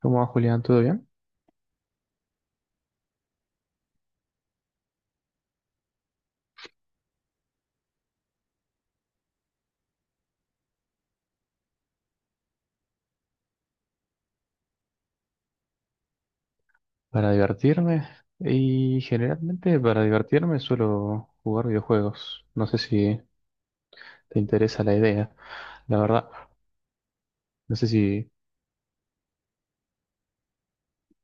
¿Cómo va, Julián? ¿Todo bien? Para divertirme. Y generalmente para divertirme suelo jugar videojuegos. No sé si te interesa la idea. La verdad, no sé si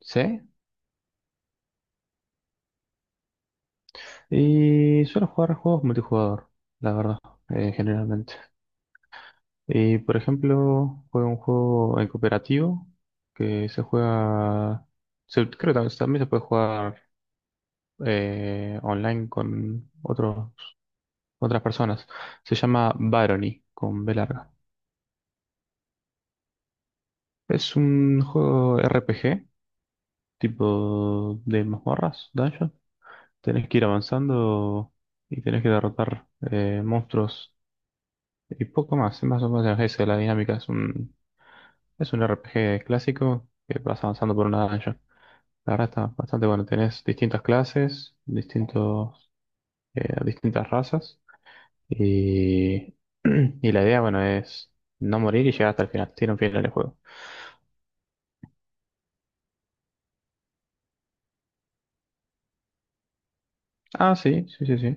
sé. Y suelo jugar juegos multijugador, la verdad, generalmente. Y por ejemplo, juego un juego en cooperativo que se creo que también se puede jugar online con otras personas. Se llama Barony, con B larga. Es un juego RPG, tipo de mazmorras, dungeon. Tenés que ir avanzando y tenés que derrotar monstruos y poco más. Es más o menos esa es la dinámica. Es un RPG clásico que vas avanzando por una dungeon. La verdad está bastante bueno. Tenés distintas clases, distintas razas. Y, y la idea, bueno, es no morir y llegar hasta el final. Tiene un final el juego. Ah, sí, sí, sí, sí.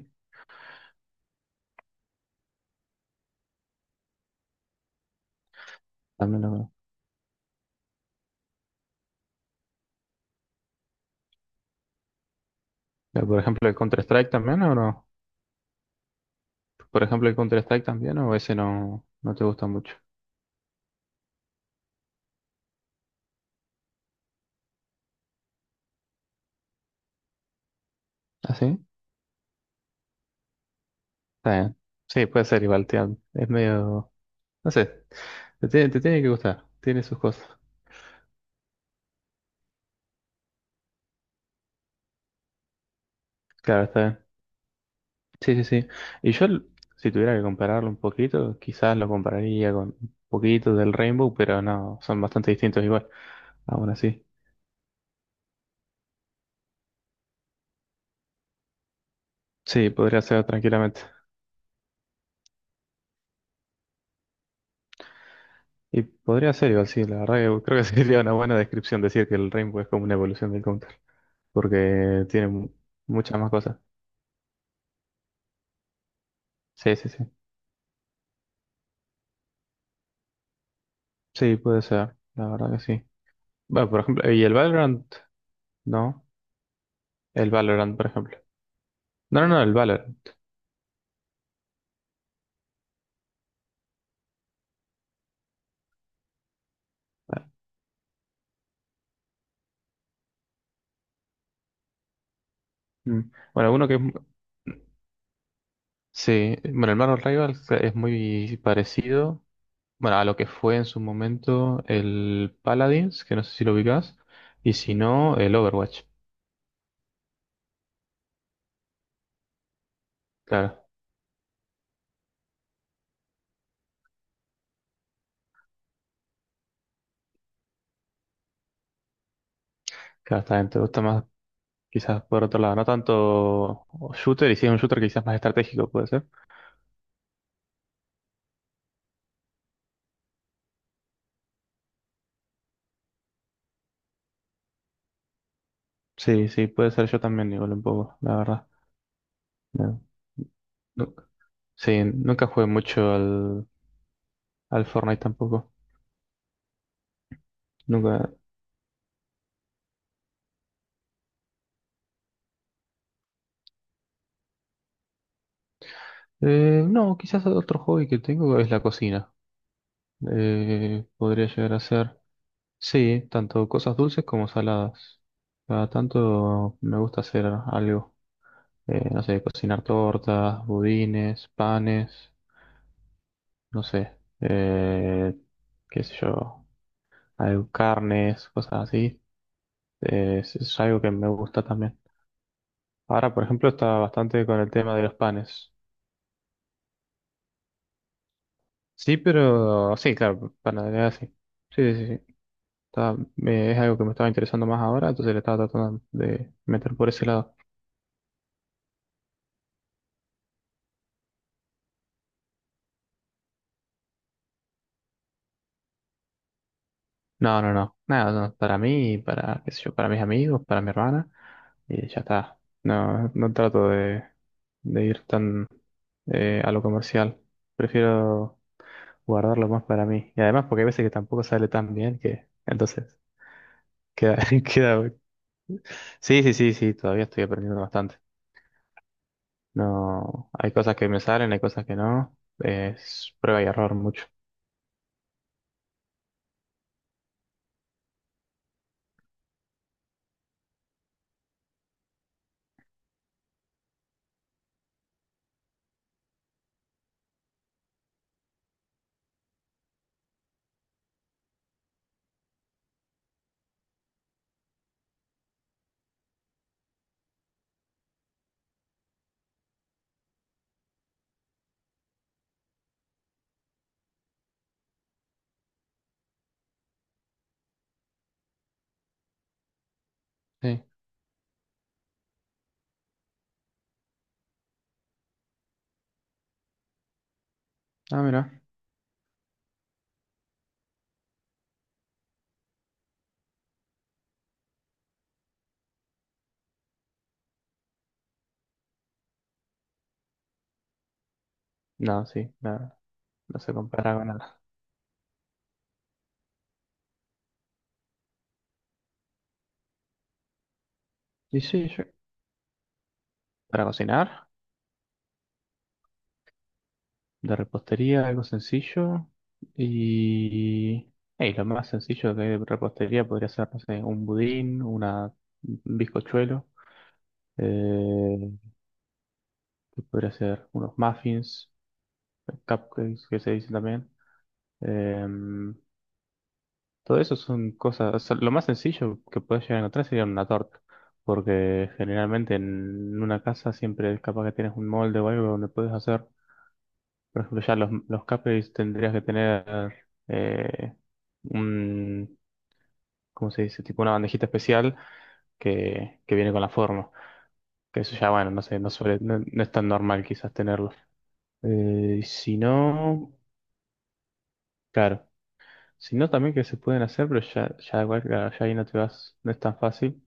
También lo ya, por ejemplo, el Counter-Strike también, ¿o no? Por ejemplo, el Counter-Strike también, ¿o ese no te gusta mucho? ¿Ah, sí? Está bien. Sí, puede ser igual, tío. Es medio... No sé, te tiene que gustar, tiene sus cosas. Claro, está bien. Sí, sí, sí. Y yo, l- si tuviera que compararlo un poquito, quizás lo compararía con un poquito del Rainbow, pero no, son bastante distintos igual, aún así. Sí, podría ser tranquilamente. Y podría ser igual, sí, la verdad que creo que sería una buena descripción decir que el Rainbow es como una evolución del Counter. porque tiene mu- muchas más cosas. Sí, sí, sí. Sí, puede ser, la verdad que sí. Bueno, por ejemplo, ¿y el Valorant? No, el Valorant, por ejemplo. No, no, no, el Valorant. Ah, mm. Bueno, uno que es... mu- Sí, bueno, el Marvel Rivals es muy parecido, bueno, a lo que fue en su momento el Paladins, que no sé si lo ubicás, y si no, el Overwatch. Claro, claro, está bien, te gusta más quizás por otro lado, no tanto shooter, y si es un shooter quizás más estratégico, puede ser. Sí, sí, puede ser yo también, igual un poco, la verdad. No, nu- sí, nunca jugué mucho al Fortnite tampoco. Nunca. No, quizás otro hobby que tengo es la cocina. Podría llegar a ser. Sí, tanto cosas dulces como saladas. Cada tanto me gusta hacer algo. No sé, cocinar tortas, budines, panes, no sé. Eh, qué sé yo, algo, carnes, cosas así. Es algo que me gusta también. Ahora, por ejemplo, está bastante con el tema de los panes. Sí, pero sí, claro, panadería sí. Sí, sí, sí. Es algo que me estaba interesando más ahora, entonces le estaba tratando de meter por ese lado. No, no, no. Nada, no, para mí, para, qué sé yo, para mis amigos, para mi hermana, y ya está. No, no trato de ir tan a lo comercial. Prefiero guardarlo más para mí. Y además, porque hay veces que tampoco sale tan bien que entonces queda, queda... Sí, sí, sí, sí, todavía estoy aprendiendo bastante. No, hay cosas que me salen, hay cosas que no. Es prueba y error mucho. Sí. Ah, mira. No, sí, no, no se compara con nada. Y sí, yo- Para cocinar, de repostería, algo sencillo. Y... y lo más sencillo que hay de repostería podría ser, no sé, un bizcochuelo. Eh, ¿Qué podría ser unos muffins, cupcakes que se dicen también. em, Todo eso son cosas, o sea, lo más sencillo que puedes llegar a encontrar sería una torta, porque generalmente en una casa siempre es capaz que tienes un molde o algo donde puedes hacer, por ejemplo, ya los cupcakes tendrías que tener eh, un, ¿cómo se dice? Tipo una bandejita especial que viene con la forma, que eso ya, bueno, no sé, no suele, no, no es tan normal quizás tenerlo. Y si no, claro, si no también que se pueden hacer, pero ya, ya igual, claro, ya ahí no te vas, no es tan fácil.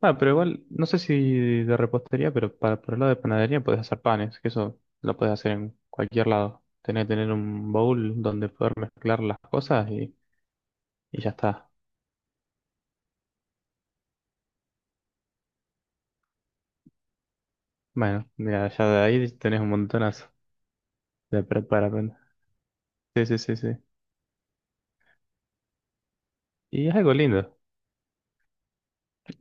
Ah, pero igual, no sé si de repostería, pero para, por el lado de panadería puedes hacer panes, que eso lo puedes hacer en cualquier lado. Tenés que tener un bowl donde poder mezclar las cosas y ya está. Bueno, mira, ya de ahí tenés un montonazo para aprender. Sí, sí, sí, sí. Y es algo lindo.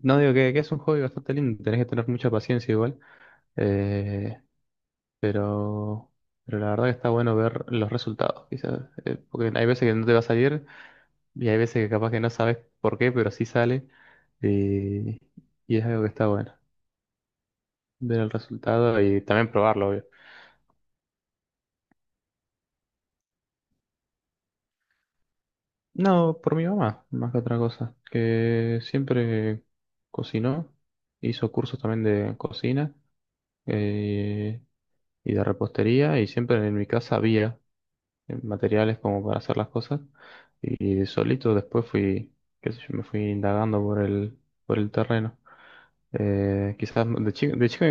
No digo que es un hobby bastante lindo, tenés que tener mucha paciencia igual. Eh, pero, pero la verdad que está bueno ver los resultados, quizás. Porque hay veces que no te va a salir. Y hay veces que capaz que no sabes por qué, pero sí sale. eh, y es algo que está bueno. Ver el resultado y también probarlo, obvio. No, por mi mamá, más que otra cosa. Que siempre cocinó. Hizo cursos también de cocina eh, y de repostería. Y siempre en mi casa había materiales como para hacer las cosas. Y solito después fui, qué sé yo, me fui indagando por el terreno. Quizás de chico, de chico.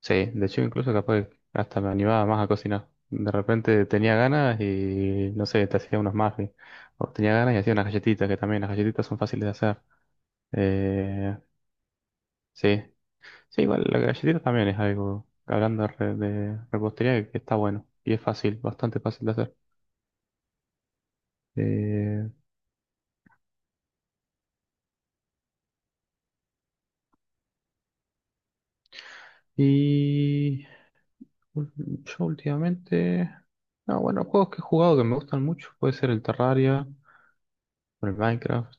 Sí, de hecho incluso capaz que hasta me animaba más a cocinar. De repente tenía ganas y no sé, te hacía unos muffins. O tenía ganas y hacía unas galletitas, que también las galletitas son fáciles de hacer. Eh, sí, sí, igual las galletitas también es algo, hablando de, de repostería, que está bueno y es fácil, bastante fácil de hacer. Eh, y ul- yo últimamente, no, bueno, juegos que he jugado que me gustan mucho, puede ser el Terraria o el Minecraft,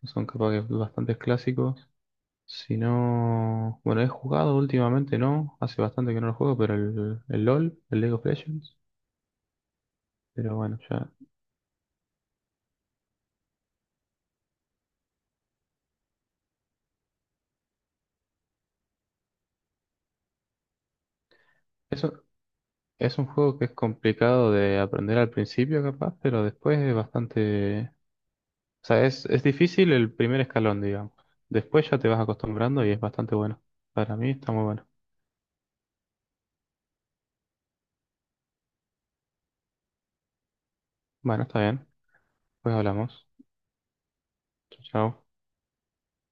que son capaz que bastante clásicos. Si no, bueno, he jugado últimamente, ¿no? Hace bastante que no lo juego, pero el LOL, el League of Legends. Pero bueno, ya. Eso es un juego que es complicado de aprender al principio, capaz, pero después es bastante. Es difícil el primer escalón, digamos. Después ya te vas acostumbrando y es bastante bueno. Para mí está muy bueno. Bueno, está bien. Pues hablamos. Chao, chao.